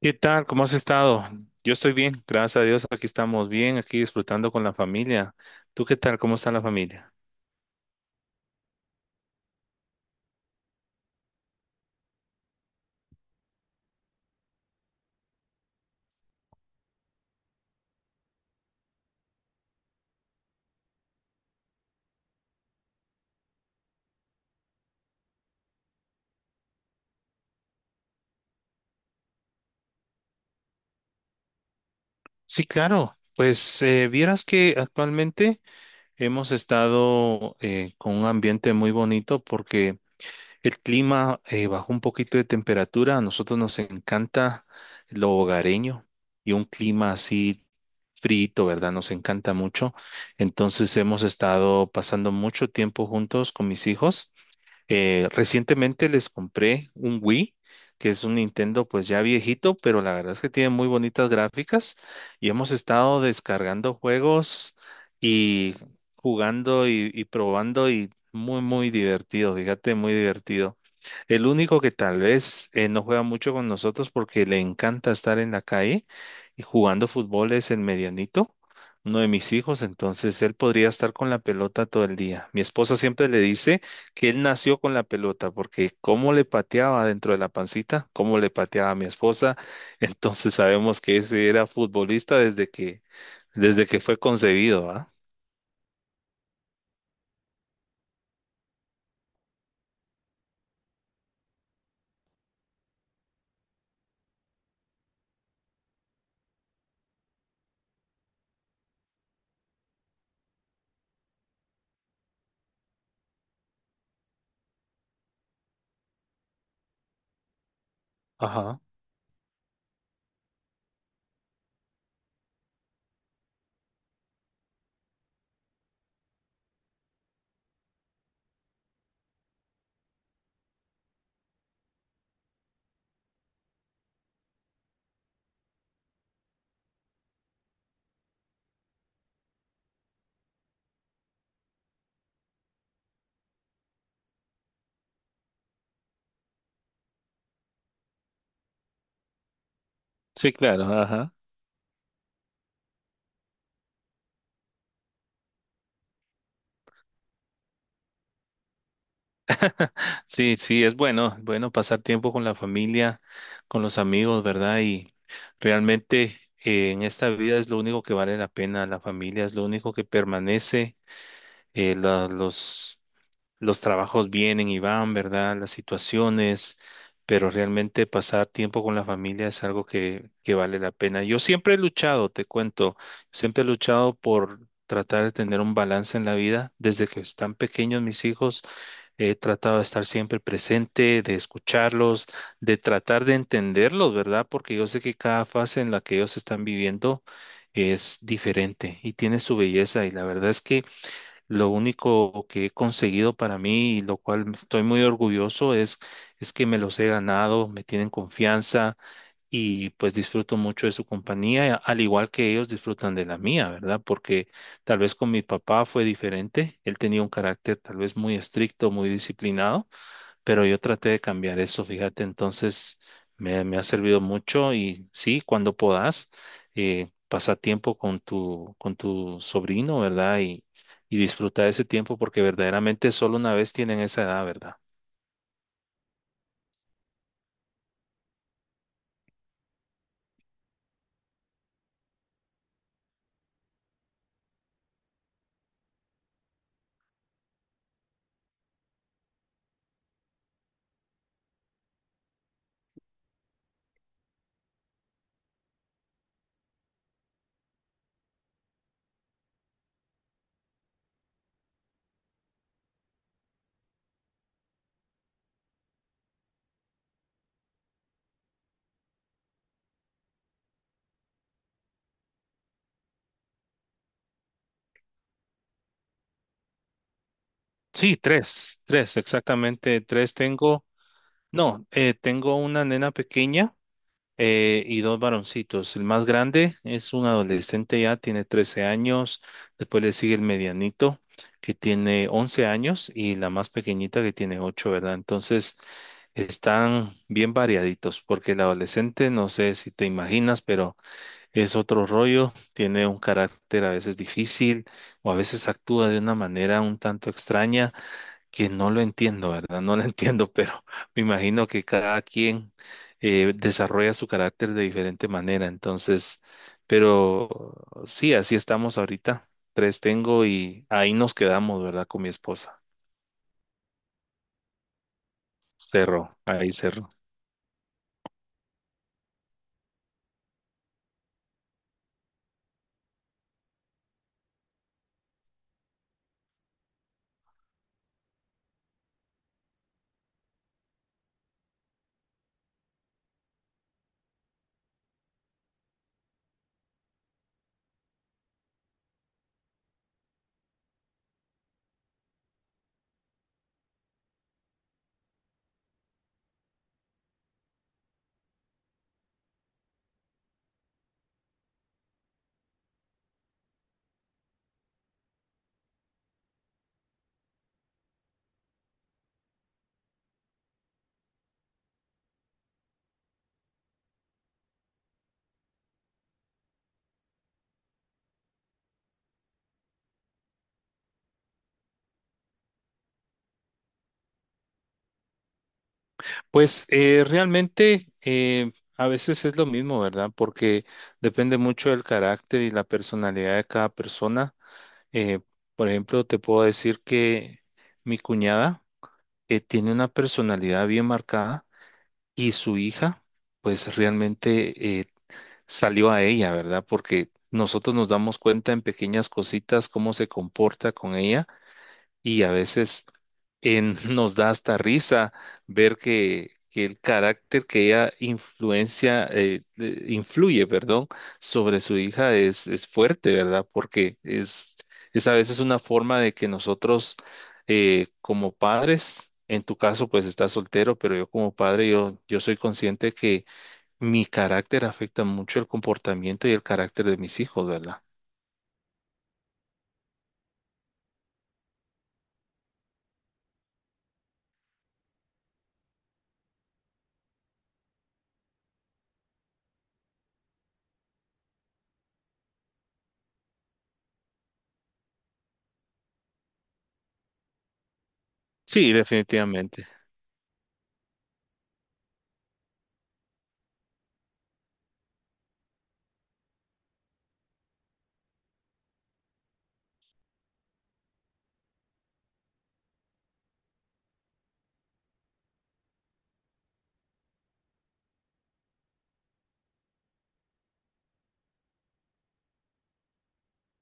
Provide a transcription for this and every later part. ¿Qué tal? ¿Cómo has estado? Yo estoy bien, gracias a Dios, aquí estamos bien, aquí disfrutando con la familia. ¿Tú qué tal? ¿Cómo está la familia? Sí, claro. Pues vieras que actualmente hemos estado con un ambiente muy bonito porque el clima bajó un poquito de temperatura. A nosotros nos encanta lo hogareño y un clima así frito, ¿verdad? Nos encanta mucho. Entonces hemos estado pasando mucho tiempo juntos con mis hijos. Recientemente les compré un Wii, que es un Nintendo pues ya viejito, pero la verdad es que tiene muy bonitas gráficas y hemos estado descargando juegos y jugando y probando y muy, muy divertido, fíjate, muy divertido. El único que tal vez no juega mucho con nosotros porque le encanta estar en la calle y jugando fútbol es el medianito, uno de mis hijos, entonces él podría estar con la pelota todo el día. Mi esposa siempre le dice que él nació con la pelota, porque cómo le pateaba dentro de la pancita, cómo le pateaba a mi esposa, entonces sabemos que ese era futbolista desde que fue concebido, ¿ah? Ajá. Sí, claro, ajá. Sí, sí, es bueno, bueno pasar tiempo con la familia, con los amigos, ¿verdad? Y realmente en esta vida es lo único que vale la pena, la familia es lo único que permanece, los los trabajos vienen y van, ¿verdad? Las situaciones, pero realmente pasar tiempo con la familia es algo que vale la pena. Yo siempre he luchado, te cuento, siempre he luchado por tratar de tener un balance en la vida. Desde que están pequeños mis hijos, he tratado de estar siempre presente, de escucharlos, de tratar de entenderlos, ¿verdad? Porque yo sé que cada fase en la que ellos están viviendo es diferente y tiene su belleza y la verdad es que lo único que he conseguido para mí y lo cual estoy muy orgulloso es que me los he ganado, me tienen confianza y pues disfruto mucho de su compañía, al igual que ellos disfrutan de la mía, ¿verdad? Porque tal vez con mi papá fue diferente, él tenía un carácter tal vez muy estricto, muy disciplinado, pero yo traté de cambiar eso, fíjate, entonces me ha servido mucho y sí, cuando puedas, pasa tiempo con tu sobrino, ¿verdad? Y disfruta de ese tiempo porque verdaderamente solo una vez tienen esa edad, ¿verdad? Sí, tres, tres, exactamente tres tengo. No, tengo una nena pequeña y dos varoncitos. El más grande es un adolescente ya, tiene 13 años. Después le sigue el medianito, que tiene 11 años, y la más pequeñita que tiene 8, ¿verdad? Entonces, están bien variaditos, porque el adolescente, no sé si te imaginas, pero es otro rollo, tiene un carácter a veces difícil o a veces actúa de una manera un tanto extraña que no lo entiendo, ¿verdad? No lo entiendo, pero me imagino que cada quien desarrolla su carácter de diferente manera. Entonces, pero sí, así estamos ahorita. Tres tengo y ahí nos quedamos, ¿verdad? Con mi esposa. Cerro, ahí cerro. Pues realmente a veces es lo mismo, ¿verdad? Porque depende mucho del carácter y la personalidad de cada persona. Eh, por ejemplo, te puedo decir que mi cuñada, tiene una personalidad bien marcada y su hija, pues realmente salió a ella, ¿verdad? Porque nosotros nos damos cuenta en pequeñas cositas cómo se comporta con ella y a veces nos da hasta risa ver que el carácter que ella influencia, influye, perdón, sobre su hija es fuerte, ¿verdad? Porque es a veces una forma de que nosotros como padres, en tu caso pues estás soltero, pero yo como padre, yo soy consciente que mi carácter afecta mucho el comportamiento y el carácter de mis hijos, ¿verdad? Sí, definitivamente.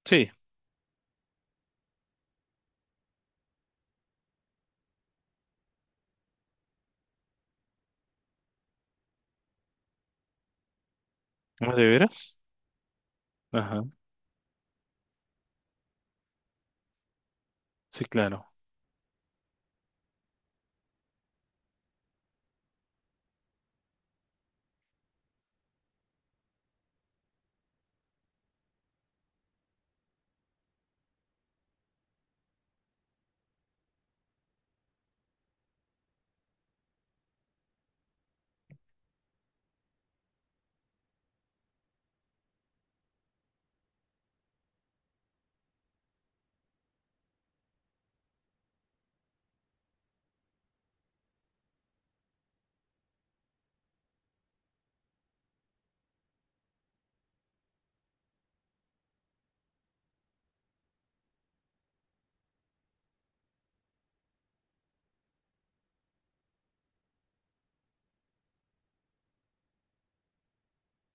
Sí. ¿De veras? Ajá. Sí, claro.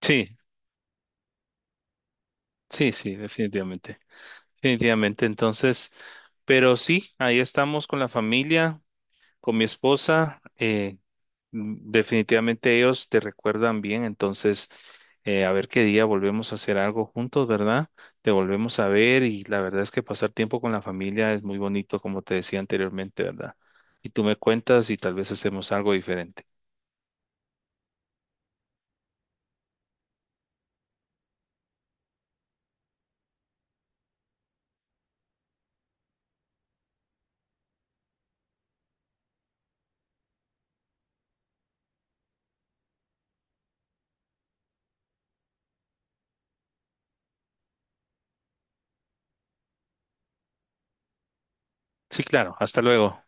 Sí, sí, sí, definitivamente. Definitivamente. Entonces, pero sí, ahí estamos con la familia, con mi esposa. Definitivamente ellos te recuerdan bien. Entonces, a ver qué día volvemos a hacer algo juntos, ¿verdad? Te volvemos a ver y la verdad es que pasar tiempo con la familia es muy bonito, como te decía anteriormente, ¿verdad? Y tú me cuentas y tal vez hacemos algo diferente. Sí, claro. Hasta luego.